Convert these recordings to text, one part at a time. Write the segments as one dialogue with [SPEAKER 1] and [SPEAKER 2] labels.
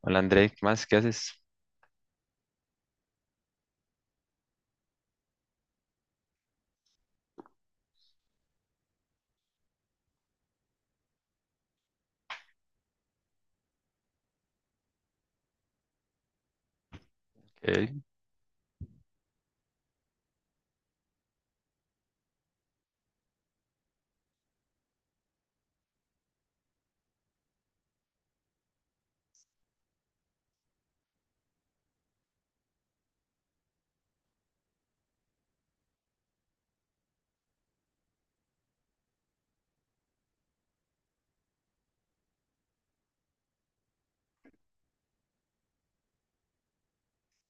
[SPEAKER 1] Hola André, ¿qué más? ¿Qué haces? Ok.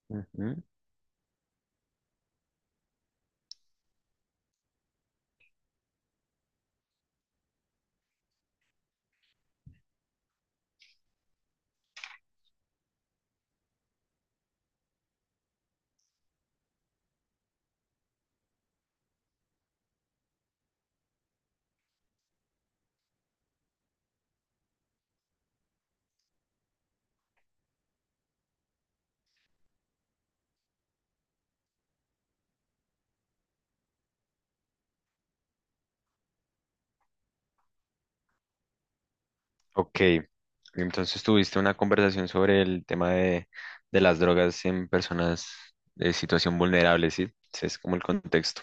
[SPEAKER 1] Ujú. Ok, entonces tuviste una conversación sobre el tema de las drogas en personas de situación vulnerable, ¿sí? Ese es como el contexto.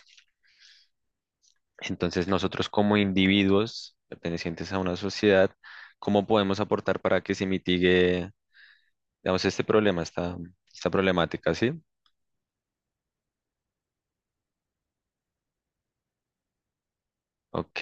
[SPEAKER 1] Entonces, nosotros, como individuos pertenecientes a una sociedad, ¿cómo podemos aportar para que se mitigue, digamos, este problema, esta problemática? ¿Sí? Ok.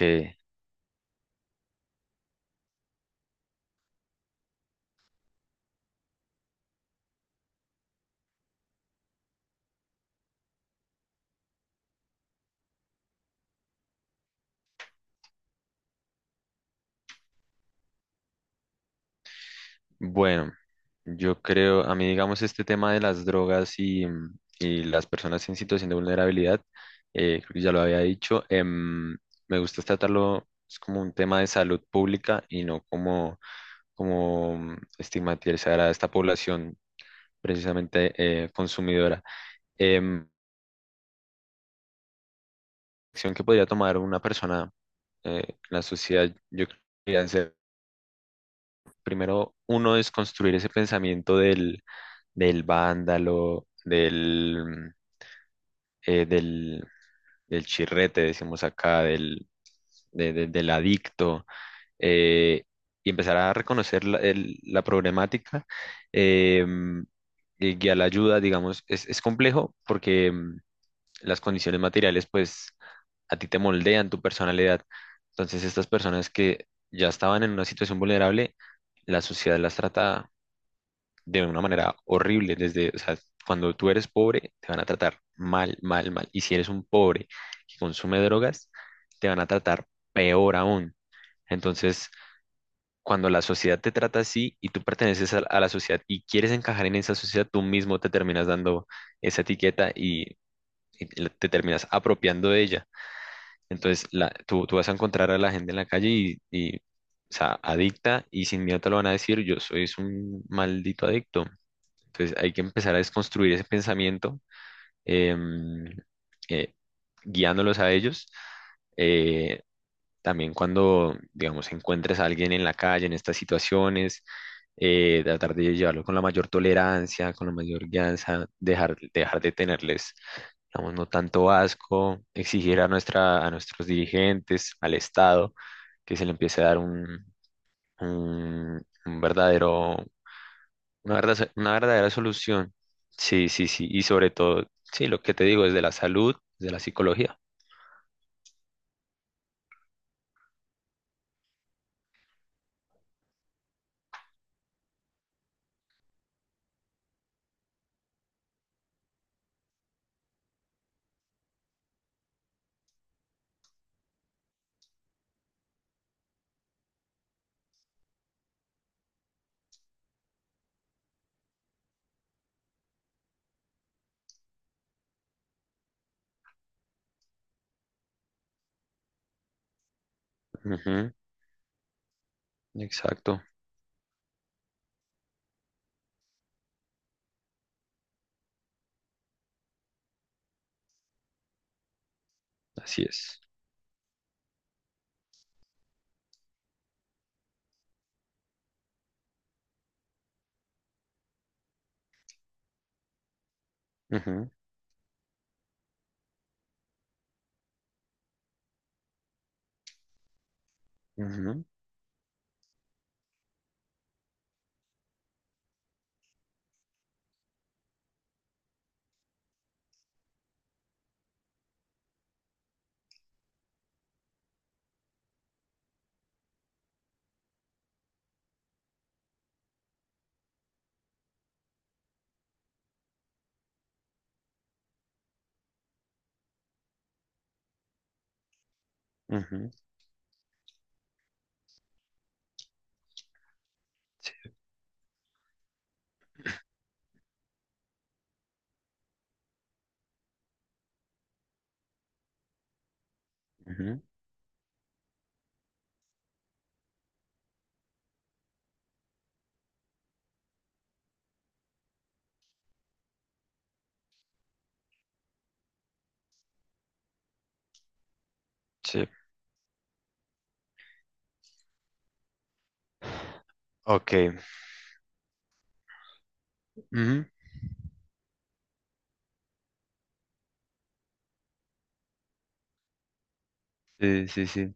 [SPEAKER 1] Bueno, yo creo, a mí, digamos, este tema de las drogas y las personas en situación de vulnerabilidad, creo que ya lo había dicho. Me gusta tratarlo es como un tema de salud pública y no como, estigmatizar a esta población, precisamente, consumidora. Em, Acción que podría tomar una persona en la sociedad, yo creo que podrían ser: primero, uno es construir ese pensamiento del vándalo, eh, del, del chirrete, decimos acá, del adicto, eh, y empezar a reconocer la problemática, em, y guiar la ayuda. Digamos, es complejo porque em, las condiciones materiales, pues, a ti te moldean tu personalidad. Entonces, estas personas que ya estaban en una situación vulnerable, la sociedad las trata de una manera horrible. Desde, o sea, cuando tú eres pobre, te van a tratar mal, mal, mal. Y si eres un pobre que consume drogas, te van a tratar peor aún. Entonces, cuando la sociedad te trata así y tú perteneces a la sociedad y quieres encajar en esa sociedad, tú mismo te terminas dando esa etiqueta y te terminas apropiando de ella. Entonces, tú vas a encontrar a la gente en la calle y, o sea, adicta, y sin miedo te lo van a decir: yo soy un maldito adicto. Entonces, hay que empezar a desconstruir ese pensamiento, em, eh, guiándolos a ellos. Eh, también, cuando, digamos, encuentres a alguien en la calle, en estas situaciones, tratar de llevarlo con la mayor tolerancia, con la mayor guianza, dejar de tenerles, digamos, no tanto asco, exigir a nuestros dirigentes, al Estado, que se le empiece a dar un verdadero, una verdadera solución. Sí, sí, sí. Y sobre todo, sí, lo que te digo, desde la salud, de la psicología. Ujú. Exacto, así es. Ujú, ujú, ujú. Sí, ujú, sí. Ok. Ujú. Sí, sí, sí.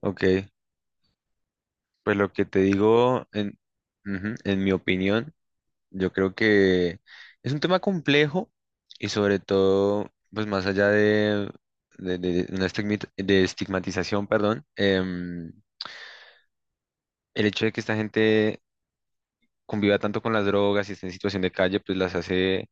[SPEAKER 1] Ok. Pues lo que te digo, ujú, en mi opinión, yo creo que es un tema complejo, y, sobre todo, pues más allá de, de una de estigmatización, perdón. Em, el hecho de que esta gente conviva tanto con las drogas y esté en situación de calle, pues, las hace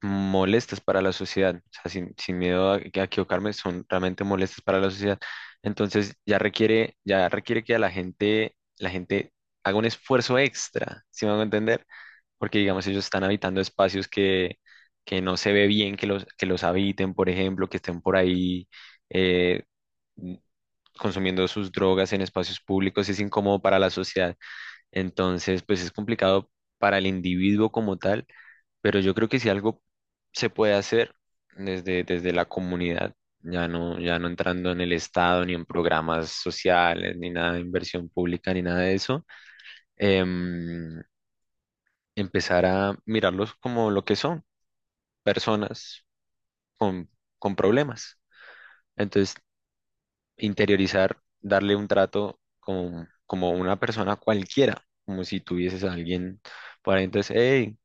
[SPEAKER 1] molestas para la sociedad. O sea, sin miedo a equivocarme, son realmente molestas para la sociedad. Entonces, ya requiere que a la gente haga un esfuerzo extra, si me van a entender? Porque, digamos, ellos están habitando espacios que no se ve bien que los habiten, por ejemplo, que estén por ahí eh, consumiendo sus drogas en espacios públicos. Es incómodo para la sociedad. Entonces, pues, es complicado para el individuo como tal, pero yo creo que si algo se puede hacer desde, desde la comunidad, ya no, ya no entrando en el Estado, ni en programas sociales, ni nada de inversión pública, ni nada de eso, em, empezar a mirarlos como lo que son: personas con, con problemas. Entonces, interiorizar, darle un trato como, como una persona cualquiera, como si tuvieses a alguien por ahí, entonces, hey,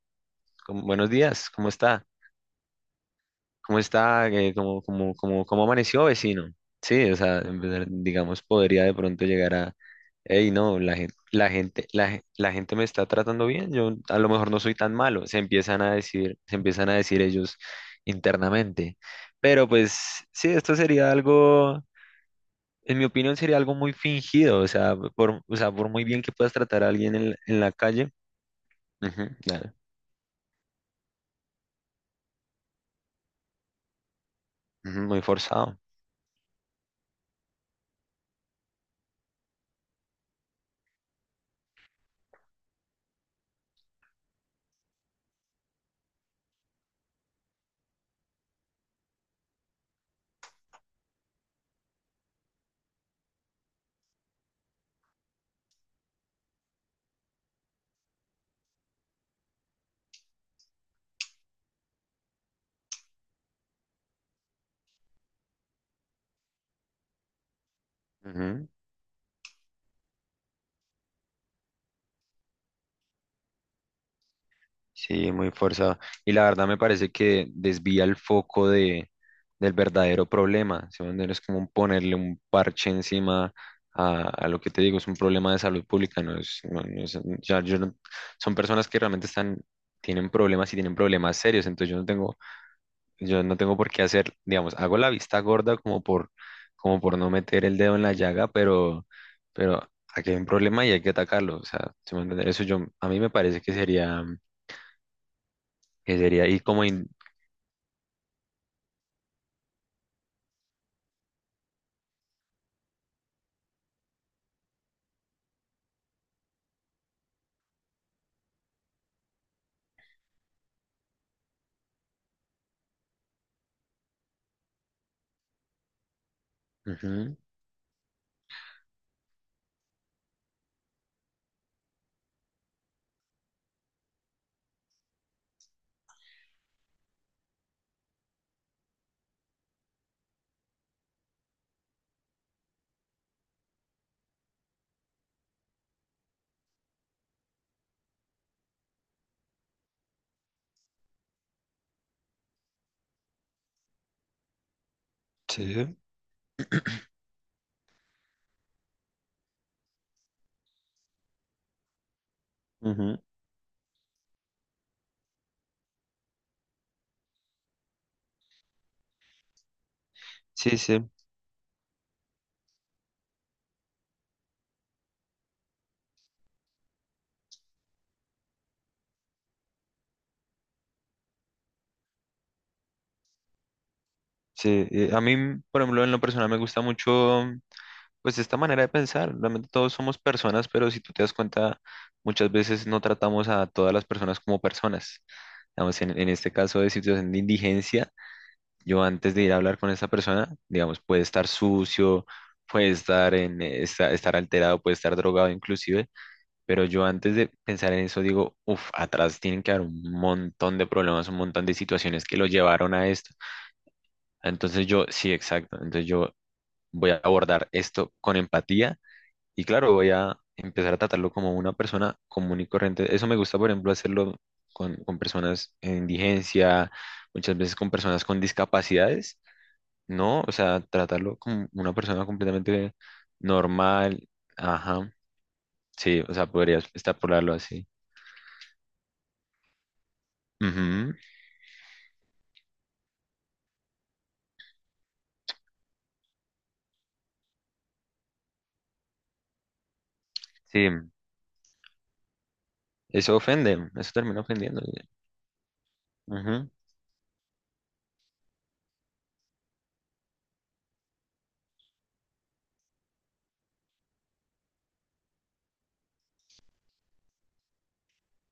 [SPEAKER 1] buenos días, ¿cómo está? ¿Cómo está? ¿Cómo amaneció, vecino? Sí, o sea, en verdad, digamos, podría de pronto llegar a, hey, no, la gente me está tratando bien, yo a lo mejor no soy tan malo, se empiezan a decir ellos internamente. Pero, pues, sí, esto sería algo, en mi opinión, sería algo muy fingido. O sea, o sea, por muy bien que puedas tratar a alguien en la calle. Ujú, claro. Ujú, muy forzado. Ujú. Sí, muy forzado. Y la verdad me parece que desvía el foco del verdadero problema. ¿Sí me entiendes? Es como un ponerle un parche encima a lo que te digo: es un problema de salud pública. No es, no- no es- ya yo no- Son personas que realmente tienen problemas, y tienen problemas serios. Entonces, yo no tengo, por qué hacer, digamos, hago la vista gorda, como por, como por no meter el dedo en la llaga, pero aquí hay un problema y hay que atacarlo. O sea, ¿sí me entiendes? Eso, a mí me parece que sería, y como... ujú. Sí. Ujú. Sí, sí, sí. A mí, por ejemplo, en lo personal me gusta mucho, pues, esta manera de pensar. Realmente todos somos personas, pero, si tú te das cuenta, muchas veces no tratamos a todas las personas como personas. Digamos, en este caso de situación de indigencia, yo, antes de ir a hablar con esa persona, digamos, puede estar sucio, puede estar estar alterado, puede estar drogado inclusive. Pero, yo, antes de pensar en eso, digo, uff, atrás tienen que haber un montón de problemas, un montón de situaciones que lo llevaron a esto. Sí, exacto. Entonces, yo voy a abordar esto con empatía, y, claro, voy a empezar a tratarlo como una persona común y corriente. Eso me gusta, por ejemplo, hacerlo con personas en indigencia, muchas veces con personas con discapacidades, ¿no? O sea, tratarlo como una persona completamente normal. Ajá, sí, o sea, podrías extrapolarlo así. Sí, eso ofende, eso termina ofendiendo. Ujú,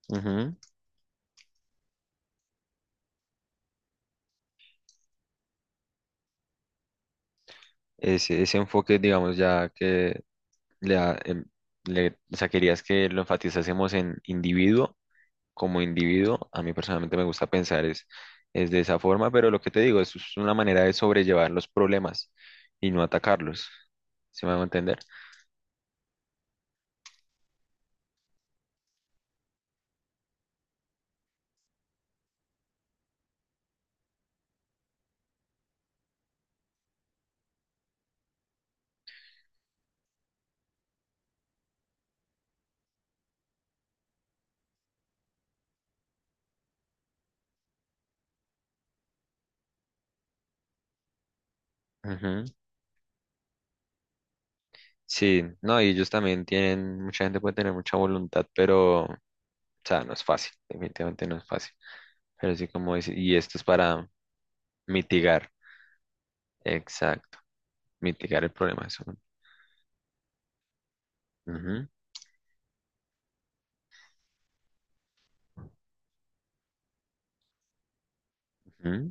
[SPEAKER 1] ujú. Ese enfoque, digamos, ya que le, da, em, le, o sea, querías que lo enfatizásemos en individuo, como individuo, a mí, personalmente, me gusta pensar es de esa forma, pero, lo que te digo, eso es una manera de sobrellevar los problemas y no atacarlos. ¿Se me va a entender? Ujú. Sí, no, y ellos también mucha gente puede tener mucha voluntad, pero, o sea, no es fácil, definitivamente no es fácil. Pero, sí, como dice, y esto es para mitigar, exacto, mitigar el problema. Eso. Ujú, ujú.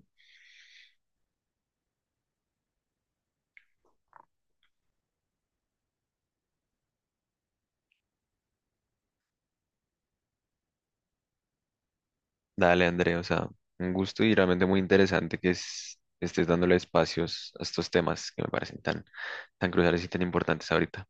[SPEAKER 1] Dale, André, o sea, un gusto, y realmente muy interesante que estés dándole espacios a estos temas que me parecen tan, tan cruciales y tan importantes ahorita.